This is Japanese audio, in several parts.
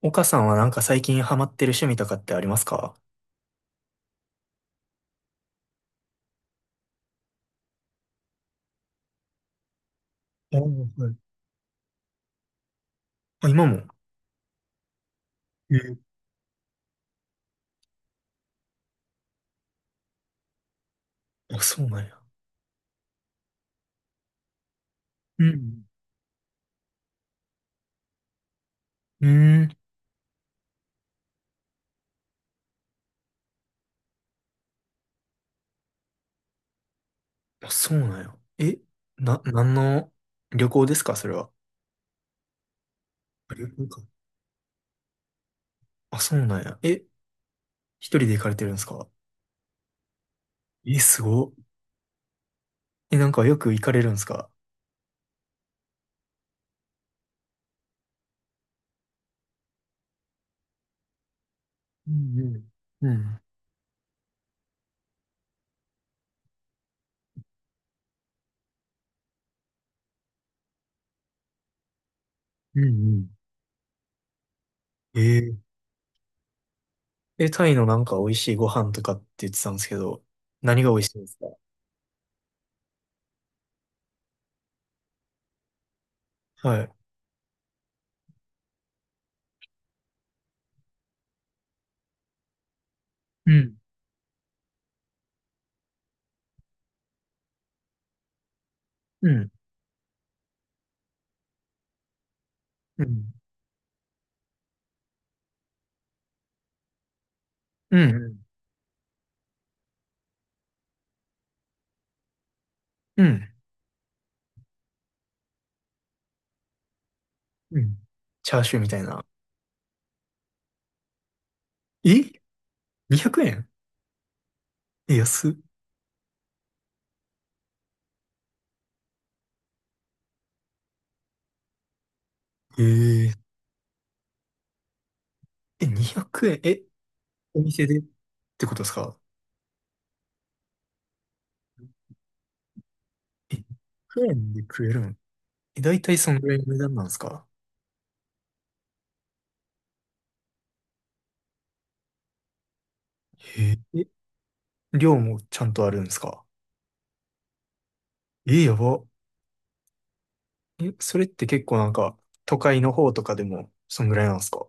岡さんはなんか最近ハマってる趣味とかってありますか？ああ、はい。あ、今も。えー。あ、そうなんや。うん。うーん。あ、そうなんや。え、何の旅行ですかそれは？ありか。あ、そうなんや。え、一人で行かれてるんですか？え、すご。え、なんかよく行かれるんですか？うんうん。うん。うんうん。えー。え、タイのなんか美味しいご飯とかって言ってたんですけど、何が美味しいんですか？はい。うん。うん。うん。うん。うん。うんうん。チャーシューみたいな。え？ 200 円。え、安っ。えー、え、200円えん、え、お店でってことですか？え、100円で食えるん。え、だいたいそのぐらいの値段なんですか？えー。え、量もちゃんとあるんですか？え、やば。え、それって結構なんか、都会の方とかでも、そんぐらいなんですか？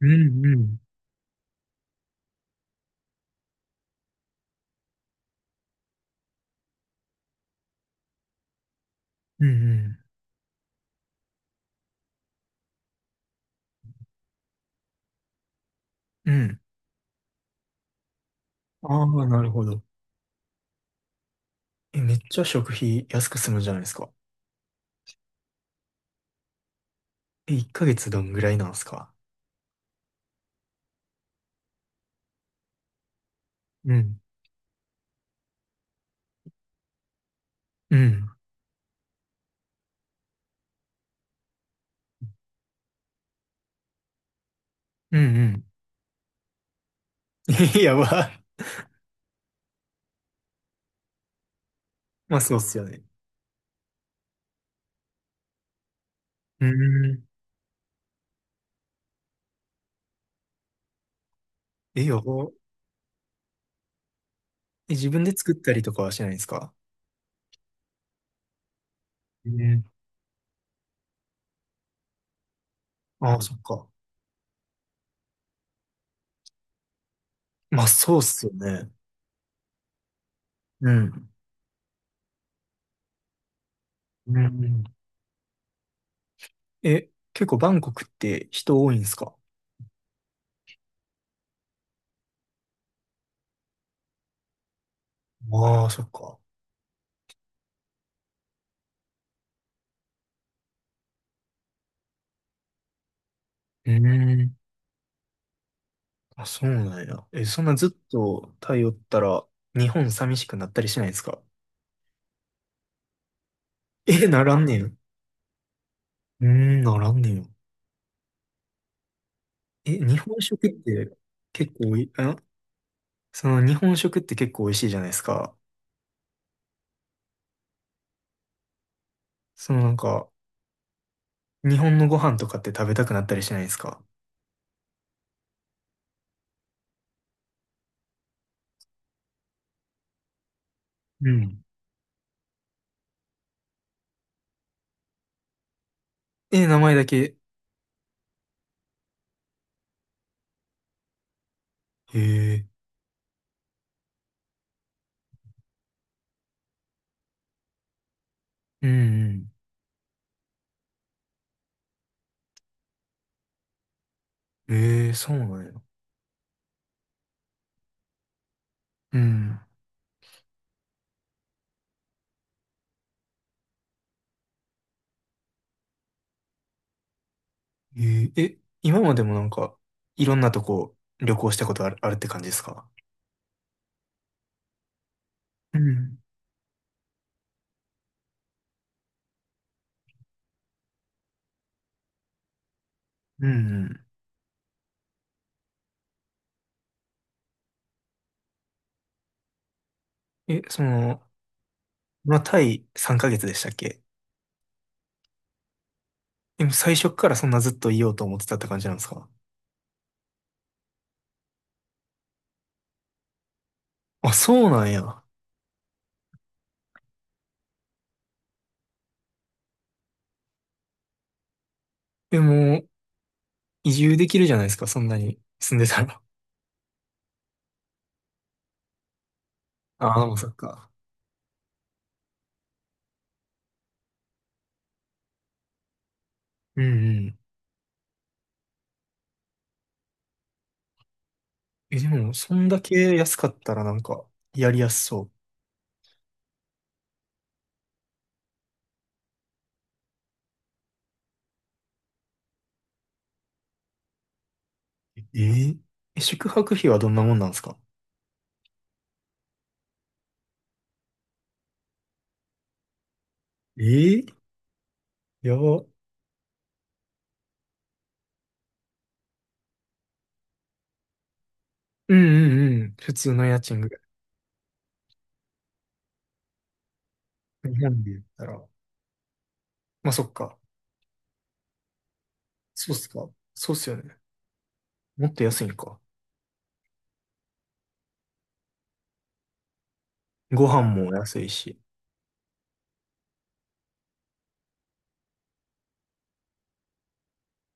うんうん。うんうん。うん。ああ、なるほど。え、めっちゃ食費安く済むじゃないですか。え、1ヶ月どんぐらいなんですか？うん。うん。うんうん。 え、やば。まあそうっすよね。うーん。え、やば。え、自分で作ったりとかはしないんですか？ね。ああ、そっか。まあそうっすよね。うん。うん。え、結構バンコクって人多いんですか？ああ、そっか。うーん。あ、そうなんや。え、そんなずっとタイおったら日本寂しくなったりしないですか？ え、ならんねん。うーん、ならんねんよ。え、日本食って結構おい、あ、その日本食って結構美味しいじゃないですか。そのなんか、日本のご飯とかって食べたくなったりしないですか？うん。え、名前だけ。へえ。うんうん。ええ、そうなんや。うん。ええ、え、今までもなんか、いろんなとこ旅行したことある、あるって感じですか？うん。うんうん。え、その、まあ、タイ3ヶ月でしたっけ？でも最初からそんなずっといようと思ってたって感じなんですか？あ、そうなんや。でも、移住できるじゃないですか、そんなに住んでたら。ああ、もうそっか。うんうん。え、でも、そんだけ安かったらなんか、やりやすそう。えー。え、宿泊費はどんなもんなんですか？えー、やば。うんうんうん。普通の家賃ぐらい。日本で言ったら。まあ、そっか。そうっすか。そうっすよね。もっと安いんか。ご飯も安いし。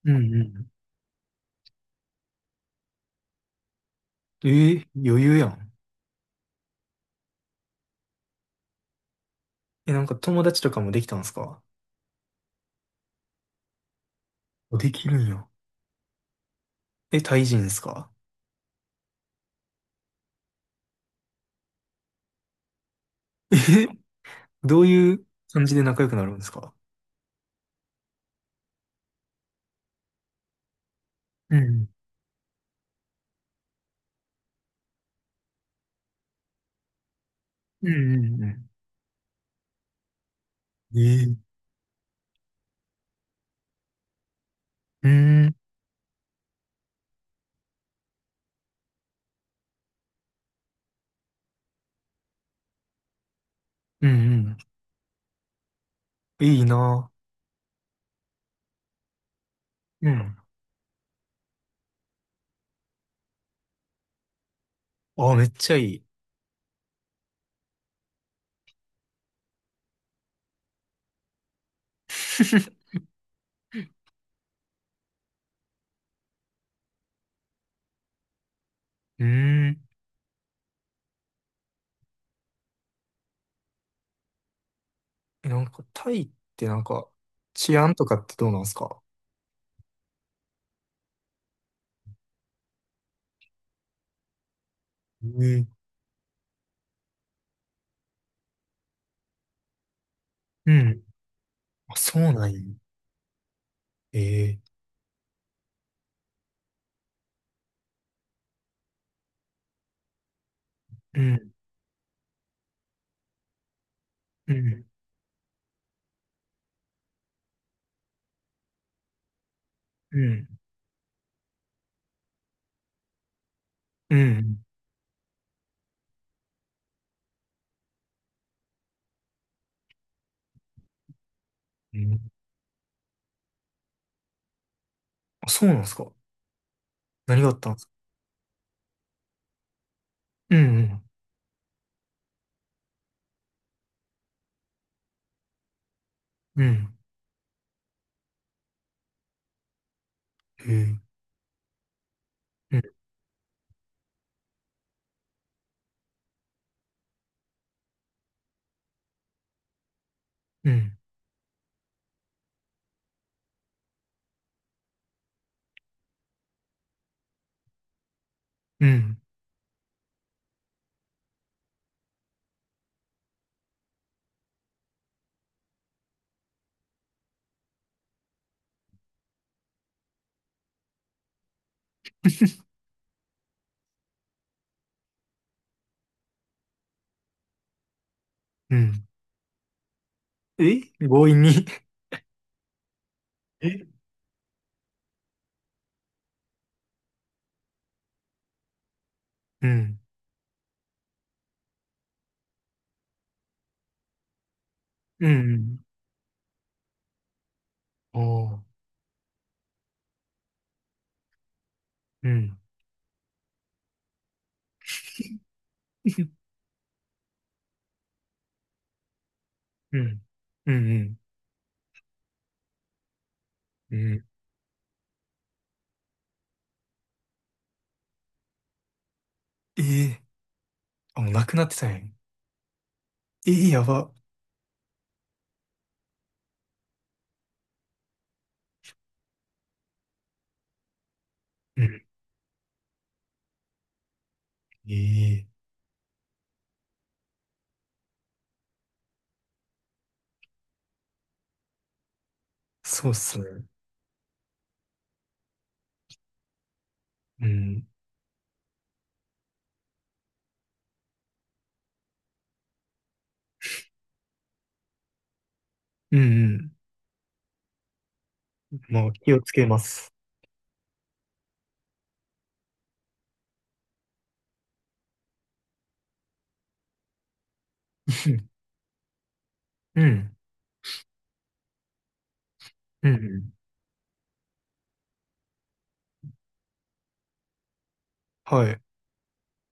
うんうん。えー、余裕やん。え、なんか友達とかもできたんすか？あ、できるんや。え、タイ人ですか？え、どういう感じで仲良くなるんですか？うん。うんうんうん。えー、うーん、うんうん。いいな。うん。あ、めっちゃいい。うーん。え、なんか、タイってなんか、治安とかってどうなんすか？ええ、うん。あ、そうなんや。えー、うん、うん、うん、うん、うん。あ、そうなんすか？何があったんすか？うん、うん、うん。ええ、うん、うん、うん。うん。え、強引に。 え、うん、うん、うん。ああ、うん。うん、うん、うん、うん。ええ、あ、もうなくなってたんや。ええ、やば。うん。ええ、そうっすね。うん。うんうん。もう気をつけます。うん。うん。うん。はい。